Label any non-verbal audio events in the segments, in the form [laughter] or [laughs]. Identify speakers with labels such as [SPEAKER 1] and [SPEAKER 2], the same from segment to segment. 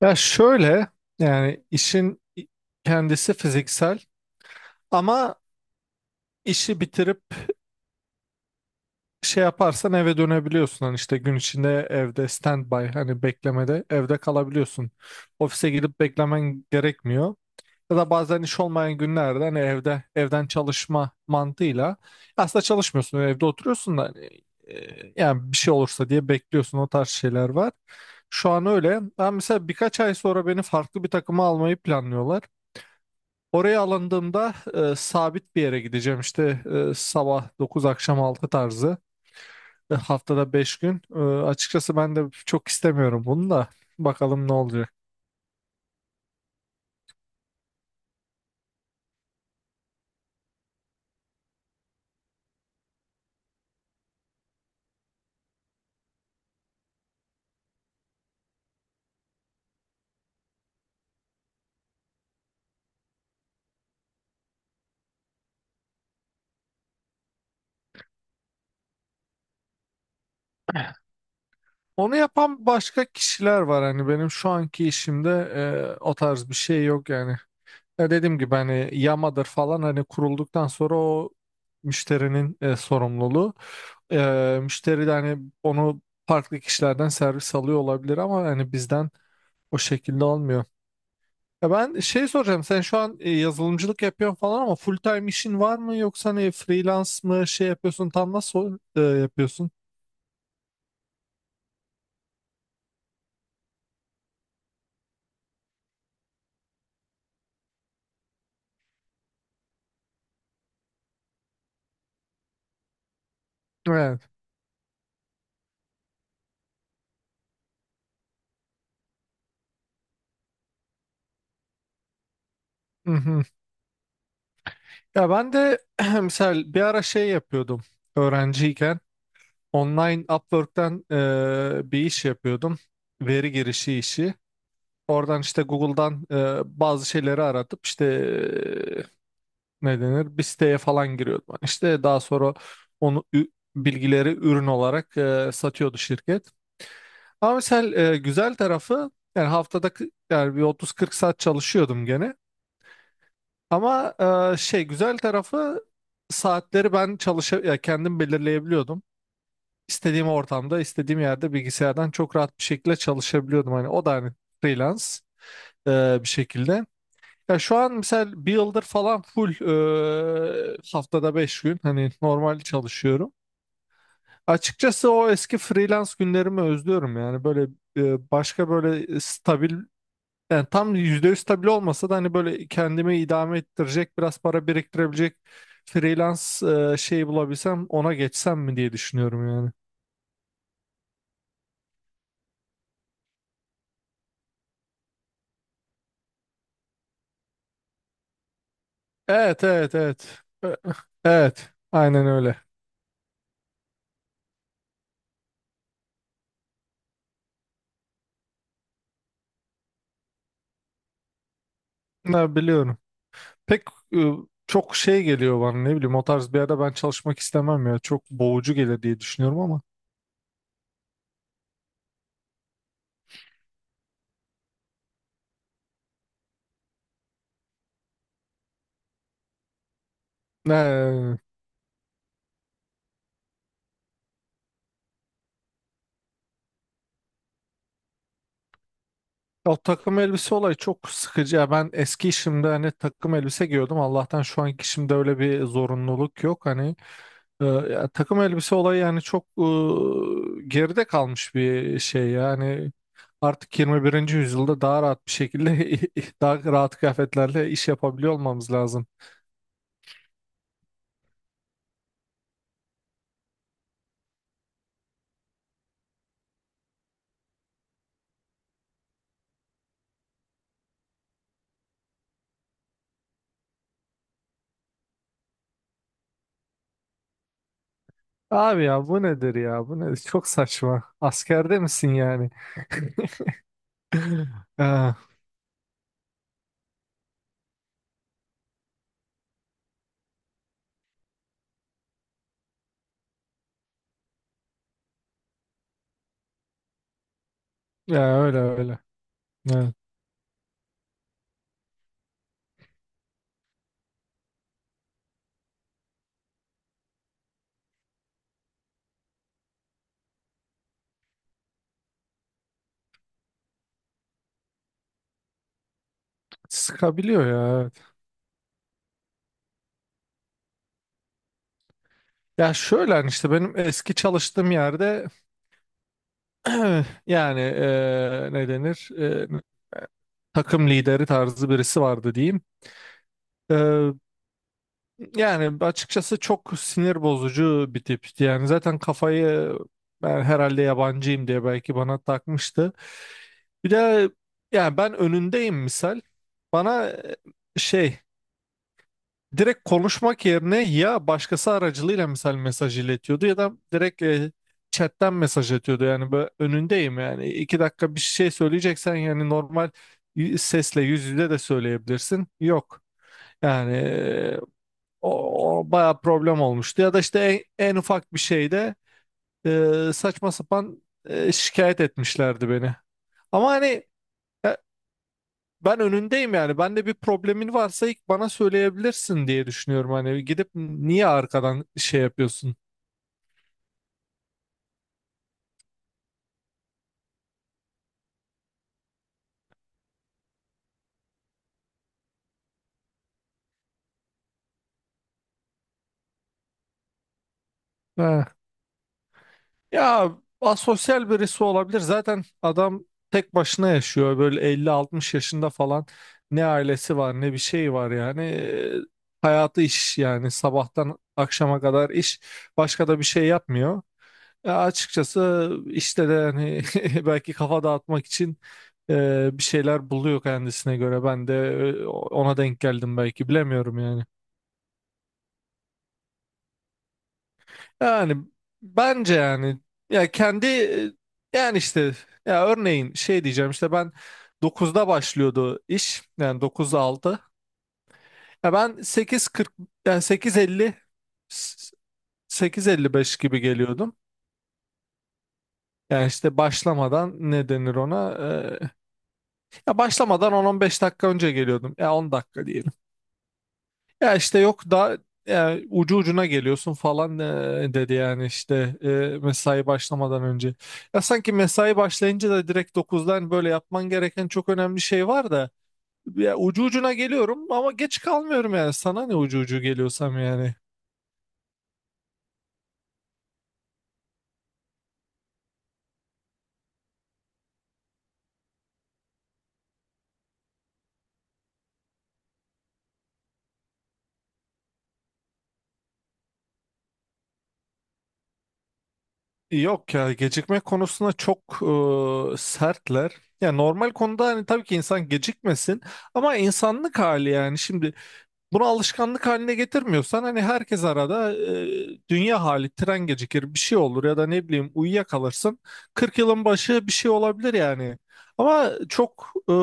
[SPEAKER 1] Ya şöyle yani işin kendisi fiziksel ama işi bitirip şey yaparsan eve dönebiliyorsun. Hani işte gün içinde evde standby hani beklemede evde kalabiliyorsun. Ofise gidip beklemen gerekmiyor. Ya da bazen iş olmayan günlerde hani evde evden çalışma mantığıyla aslında çalışmıyorsun evde oturuyorsun da hani, yani bir şey olursa diye bekliyorsun o tarz şeyler var. Şu an öyle. Ben mesela birkaç ay sonra beni farklı bir takıma almayı planlıyorlar. Oraya alındığımda sabit bir yere gideceğim işte. Sabah 9 akşam 6 tarzı. Haftada 5 gün. Açıkçası ben de çok istemiyorum bunu da bakalım ne olacak. Onu yapan başka kişiler var hani benim şu anki işimde o tarz bir şey yok yani. Ya dediğim gibi hani Yama'dır falan hani kurulduktan sonra o müşterinin sorumluluğu. Müşteri de hani onu farklı kişilerden servis alıyor olabilir ama hani bizden o şekilde olmuyor. Ya ben şey soracağım. Sen şu an yazılımcılık yapıyorsun falan ama full time işin var mı yoksa hani freelance mı şey yapıyorsun tam nasıl yapıyorsun? Evet. Hı hı. Ya ben de [clears throat] mesela bir ara şey yapıyordum öğrenciyken online Upwork'ten bir iş yapıyordum. Veri girişi işi. Oradan işte Google'dan bazı şeyleri aratıp işte ne denir bir siteye falan giriyordum. Hani İşte daha sonra onu ü- bilgileri ürün olarak satıyordu şirket. Ama mesela güzel tarafı yani haftada yani bir 30-40 saat çalışıyordum gene. Ama şey güzel tarafı saatleri ben ya kendim belirleyebiliyordum. İstediğim ortamda, istediğim yerde bilgisayardan çok rahat bir şekilde çalışabiliyordum. Hani o da hani freelance bir şekilde. Ya şu an mesela bir yıldır falan full haftada 5 gün hani normal çalışıyorum. Açıkçası o eski freelance günlerimi özlüyorum yani böyle başka böyle stabil. Yani tam %100 stabil olmasa da hani böyle kendimi idame ettirecek biraz para biriktirebilecek freelance şey bulabilsem ona geçsem mi diye düşünüyorum yani. Evet, evet, evet. E- Evet, aynen öyle. Ha, biliyorum. Pek e, çok şey geliyor bana ne bileyim o tarz bir yerde ben çalışmak istemem ya. Çok boğucu gelir diye düşünüyorum ama. E, O takım elbise olayı çok sıkıcı. Ya ben eski işimde hani takım elbise giyiyordum. Allah'tan şu anki işimde öyle bir zorunluluk yok. Hani. Ya takım elbise olayı yani çok geride kalmış bir şey yani artık 21. yüzyılda daha rahat bir şekilde [laughs] daha rahat kıyafetlerle iş yapabiliyor olmamız lazım. Abi ya bu nedir ya bu nedir çok saçma askerde misin yani? [laughs] Ya, ya öyle öyle. Evet. Sıkabiliyor ya. Evet. Ya şöyle hani işte benim eski çalıştığım yerde [clears throat] yani ne denir? Takım lideri tarzı birisi vardı diyeyim. Eee, Yani açıkçası çok sinir bozucu bir tipti. Yani zaten kafayı ben herhalde yabancıyım diye belki bana takmıştı. Bir de yani ben önündeyim misal. Bana şey direkt konuşmak yerine ya başkası aracılığıyla misal mesaj iletiyordu ya da direkt chatten mesaj atıyordu. Yani böyle önündeyim yani 2 dakika bir şey söyleyeceksen yani normal sesle yüz yüze de söyleyebilirsin. Yok yani o bayağı problem olmuştu ya da işte en ufak bir şeyde saçma sapan şikayet etmişlerdi beni. Ama hani ben önündeyim yani. Ben de bir problemin varsa ilk bana söyleyebilirsin diye düşünüyorum. Hani gidip niye arkadan şey yapıyorsun? Ya asosyal birisi olabilir. Zaten adam tek başına yaşıyor. Böyle 50-60 yaşında falan. Ne ailesi var ne bir şey var yani. Hayatı iş yani sabahtan akşama kadar iş. Başka da bir şey yapmıyor. Ya açıkçası işte de hani [laughs] belki kafa dağıtmak için bir şeyler buluyor kendisine göre. Ben de ona denk geldim belki bilemiyorum yani. Yani bence yani ya kendi yani işte ya örneğin şey diyeceğim işte ben dokuzda başlıyordu iş yani dokuz altı. Ya ben 8:40 yani 8:50 s- 8:55 gibi geliyordum. Yani işte başlamadan ne denir ona? Ee, Ya başlamadan 10-15 dakika önce geliyordum. Ya 10 dakika. Ya işte yok da yani ucu ucuna geliyorsun falan dedi yani işte mesai başlamadan önce. Ya sanki mesai başlayınca da direkt dokuzdan böyle yapman gereken çok önemli şey var da ya ucu ucuna geliyorum ama geç kalmıyorum yani sana ne ucu ucu geliyorsam yani. Yok ya gecikme konusunda çok sertler. Ya normal konuda hani tabii ki insan gecikmesin ama insanlık hali yani şimdi. Bunu alışkanlık haline getirmiyorsan hani herkes arada dünya hali tren gecikir bir şey olur ya da ne bileyim uyuyakalırsın. 40 yılın başı bir şey olabilir yani. Ama çok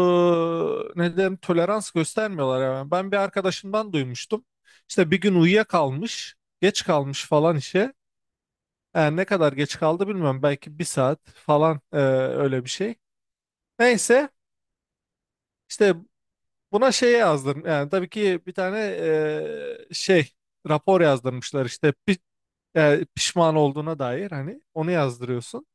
[SPEAKER 1] ne derim tolerans göstermiyorlar yani. Ben bir arkadaşımdan duymuştum. İşte bir gün uyuyakalmış, geç kalmış falan işe. Yani ne kadar geç kaldı bilmiyorum. Belki bir saat falan öyle bir şey. Neyse işte. Buna şey yazdım. Yani tabii ki bir tane şey rapor yazdırmışlar işte pişman olduğuna dair hani onu yazdırıyorsun.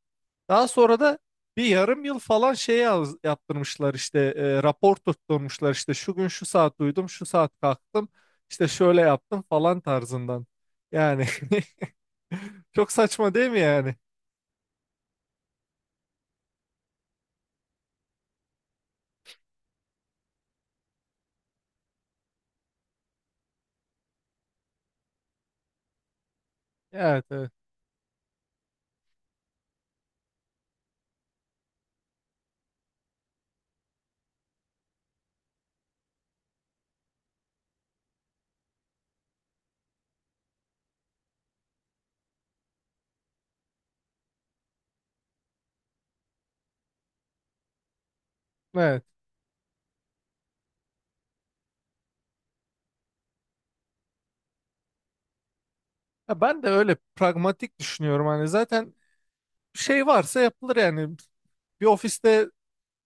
[SPEAKER 1] Daha sonra da bir yarım yıl falan yaptırmışlar işte rapor tutturmuşlar işte şu gün şu saat uyudum şu saat kalktım işte şöyle yaptım falan tarzından. Yani [laughs] çok saçma değil mi yani? Evet, evet. Evet. Ya ben de öyle pragmatik düşünüyorum hani zaten şey varsa yapılır yani bir ofiste.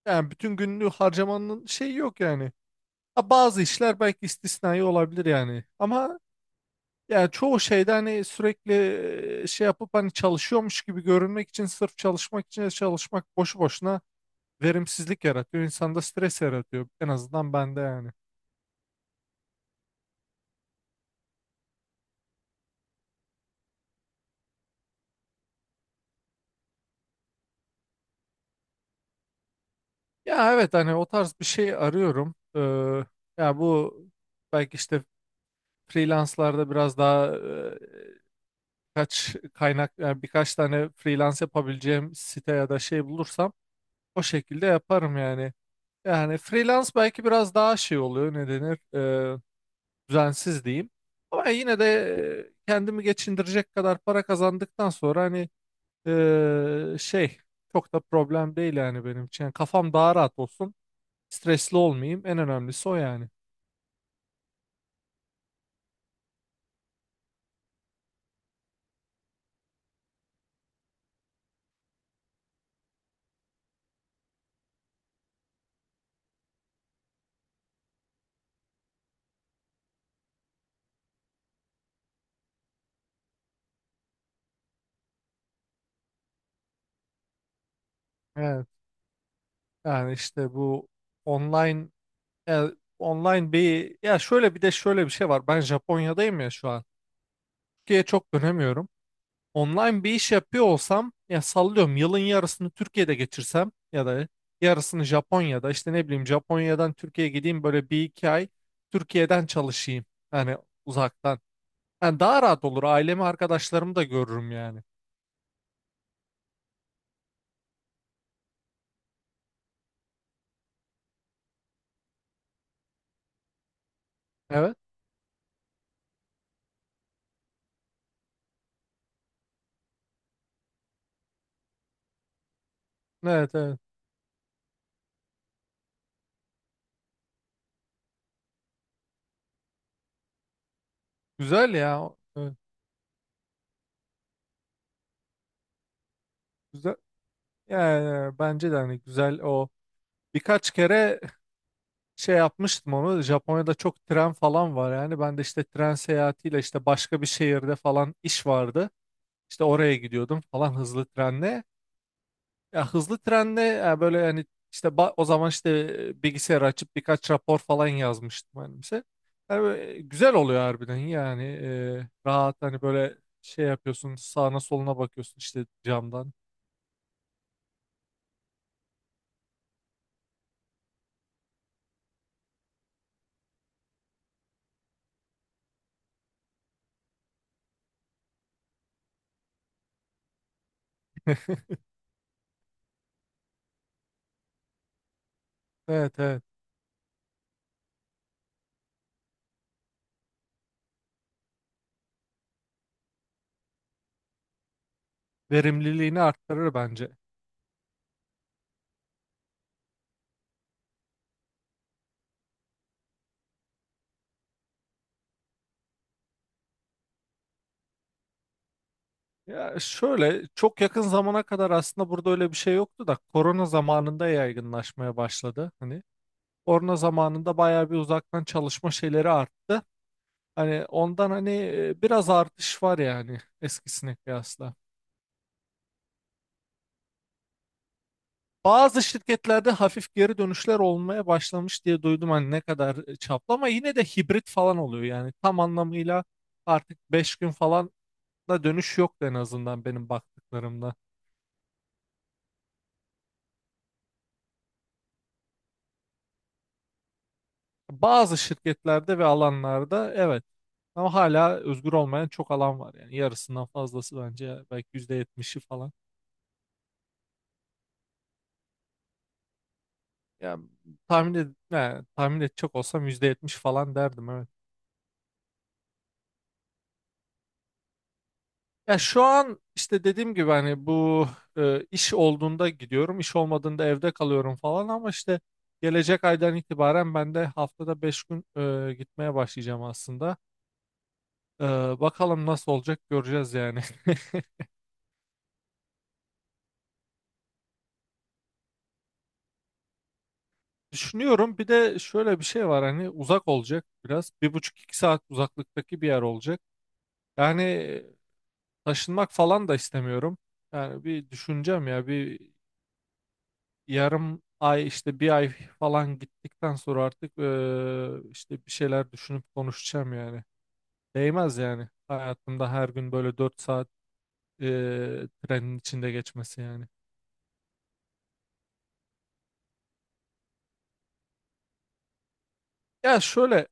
[SPEAKER 1] Yani bütün günlüğü harcamanın şeyi yok yani. Ha, bazı işler belki istisnai olabilir yani. Ama yani çoğu şeyde hani sürekli şey yapıp hani çalışıyormuş gibi görünmek için sırf çalışmak için de çalışmak boşu boşuna verimsizlik yaratıyor. İnsanda stres yaratıyor. En azından bende yani. Ya evet hani o tarz bir şey arıyorum. Ya bu belki işte freelance'larda biraz daha kaç kaynak yani birkaç tane freelance yapabileceğim site ya da şey bulursam o şekilde yaparım yani. Yani freelance belki biraz daha şey oluyor ne denir e, düzensiz diyeyim. Ama yine de kendimi geçindirecek kadar para kazandıktan sonra hani şey çok da problem değil yani benim için. Yani kafam daha rahat olsun, stresli olmayayım en önemlisi o yani. Evet, yani işte bu online e, bir ya şöyle bir de şöyle bir şey var. Ben Japonya'dayım ya şu an. Türkiye'ye çok dönemiyorum. Online bir iş yapıyor olsam ya sallıyorum yılın yarısını Türkiye'de geçirsem ya da yarısını Japonya'da işte ne bileyim Japonya'dan Türkiye'ye gideyim böyle bir iki ay Türkiye'den çalışayım yani uzaktan. Yani daha rahat olur ailemi arkadaşlarımı da görürüm yani. Evet, evet, evet, güzel ya. Evet, güzel yani bence de hani güzel o birkaç kere şey yapmıştım onu Japonya'da çok tren falan var yani ben de işte tren seyahatiyle işte başka bir şehirde falan iş vardı. İşte oraya gidiyordum falan hızlı trenle. Ya hızlı trenle ya böyle hani işte o zaman işte bilgisayarı açıp birkaç rapor falan yazmıştım hani bize. Yani böyle güzel oluyor harbiden yani rahat hani böyle şey yapıyorsun sağına soluna bakıyorsun işte camdan. Evet, evet, verimliliğini arttırır bence. Ya şöyle çok yakın zamana kadar aslında burada öyle bir şey yoktu da korona zamanında yaygınlaşmaya başladı. Hani korona zamanında bayağı bir uzaktan çalışma şeyleri arttı. Hani ondan hani biraz artış var yani eskisine kıyasla. Bazı şirketlerde hafif geri dönüşler olmaya başlamış diye duydum hani ne kadar çaplı ama yine de hibrit falan oluyor yani tam anlamıyla artık 5 gün falan da dönüş yok en azından benim baktıklarımda. Bazı şirketlerde ve alanlarda evet ama hala özgür olmayan çok alan var yani yarısından fazlası bence belki %70'i falan. Yani tahmin, ed yani tahmin edecek olsam %70 falan derdim evet. Ya şu an işte dediğim gibi hani bu iş olduğunda gidiyorum, iş olmadığında evde kalıyorum falan ama işte gelecek aydan itibaren ben de haftada 5 gün gitmeye başlayacağım aslında. E, Bakalım nasıl olacak göreceğiz yani. [laughs] Düşünüyorum bir de şöyle bir şey var hani uzak olacak biraz. Bir buçuk iki saat uzaklıktaki bir yer olacak. Yani taşınmak falan da istemiyorum. Yani bir düşüneceğim ya bir yarım ay işte bir ay falan gittikten sonra artık işte bir şeyler düşünüp konuşacağım yani. Değmez yani hayatımda her gün böyle 4 saat trenin içinde geçmesi yani. Ya şöyle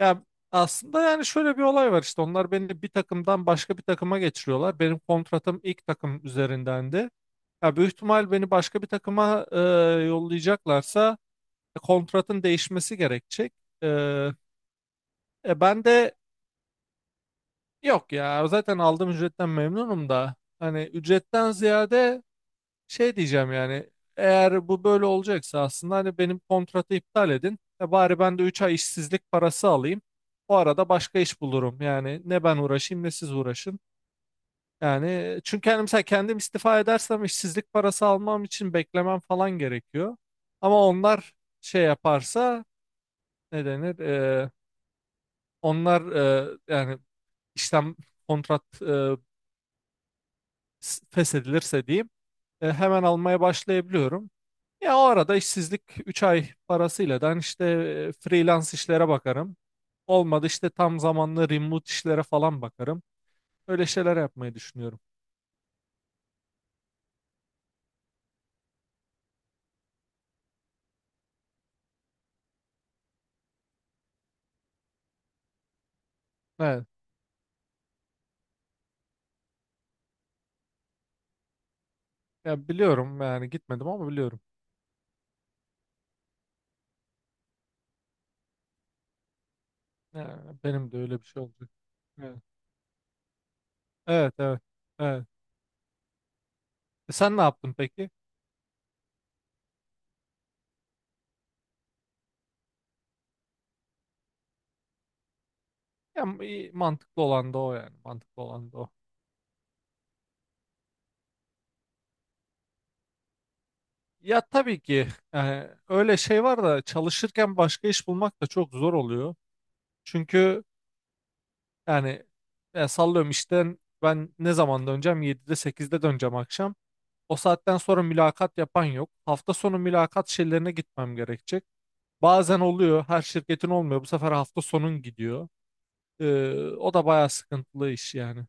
[SPEAKER 1] ya aslında yani şöyle bir olay var işte onlar beni bir takımdan başka bir takıma geçiriyorlar. Benim kontratım ilk takım üzerindendi. Ya büyük ihtimal beni başka bir takıma yollayacaklarsa kontratın değişmesi gerekecek. Eee, Ben de... Yok ya zaten aldığım ücretten memnunum da hani ücretten ziyade şey diyeceğim yani eğer bu böyle olacaksa aslında hani benim kontratı iptal edin. E bari ben de 3 ay işsizlik parası alayım. O arada başka iş bulurum. Yani ne ben uğraşayım ne siz uğraşın. Yani çünkü hani mesela kendim istifa edersem işsizlik parası almam için beklemem falan gerekiyor. Ama onlar şey yaparsa ne denir? Onlar yani işlem kontrat feshedilirse diyeyim hemen almaya başlayabiliyorum. Ya o arada işsizlik 3 ay parasıyla ben işte freelance işlere bakarım. Olmadı işte tam zamanlı remote işlere falan bakarım. Öyle şeyler yapmayı düşünüyorum. Evet. Ya biliyorum yani gitmedim ama biliyorum. Ya benim de öyle bir şey olacak. Evet. Evet, evet. Evet. E sen ne yaptın peki? Ya iyi, mantıklı olan da o yani. Mantıklı olan da o. Ya tabii ki yani öyle şey var da çalışırken başka iş bulmak da çok zor oluyor. Çünkü yani sallıyorum işten ben ne zaman döneceğim? 7'de 8'de döneceğim akşam. O saatten sonra mülakat yapan yok. Hafta sonu mülakat şeylerine gitmem gerekecek. Bazen oluyor. Her şirketin olmuyor. Bu sefer hafta sonun gidiyor. Ee, O da bayağı sıkıntılı iş yani.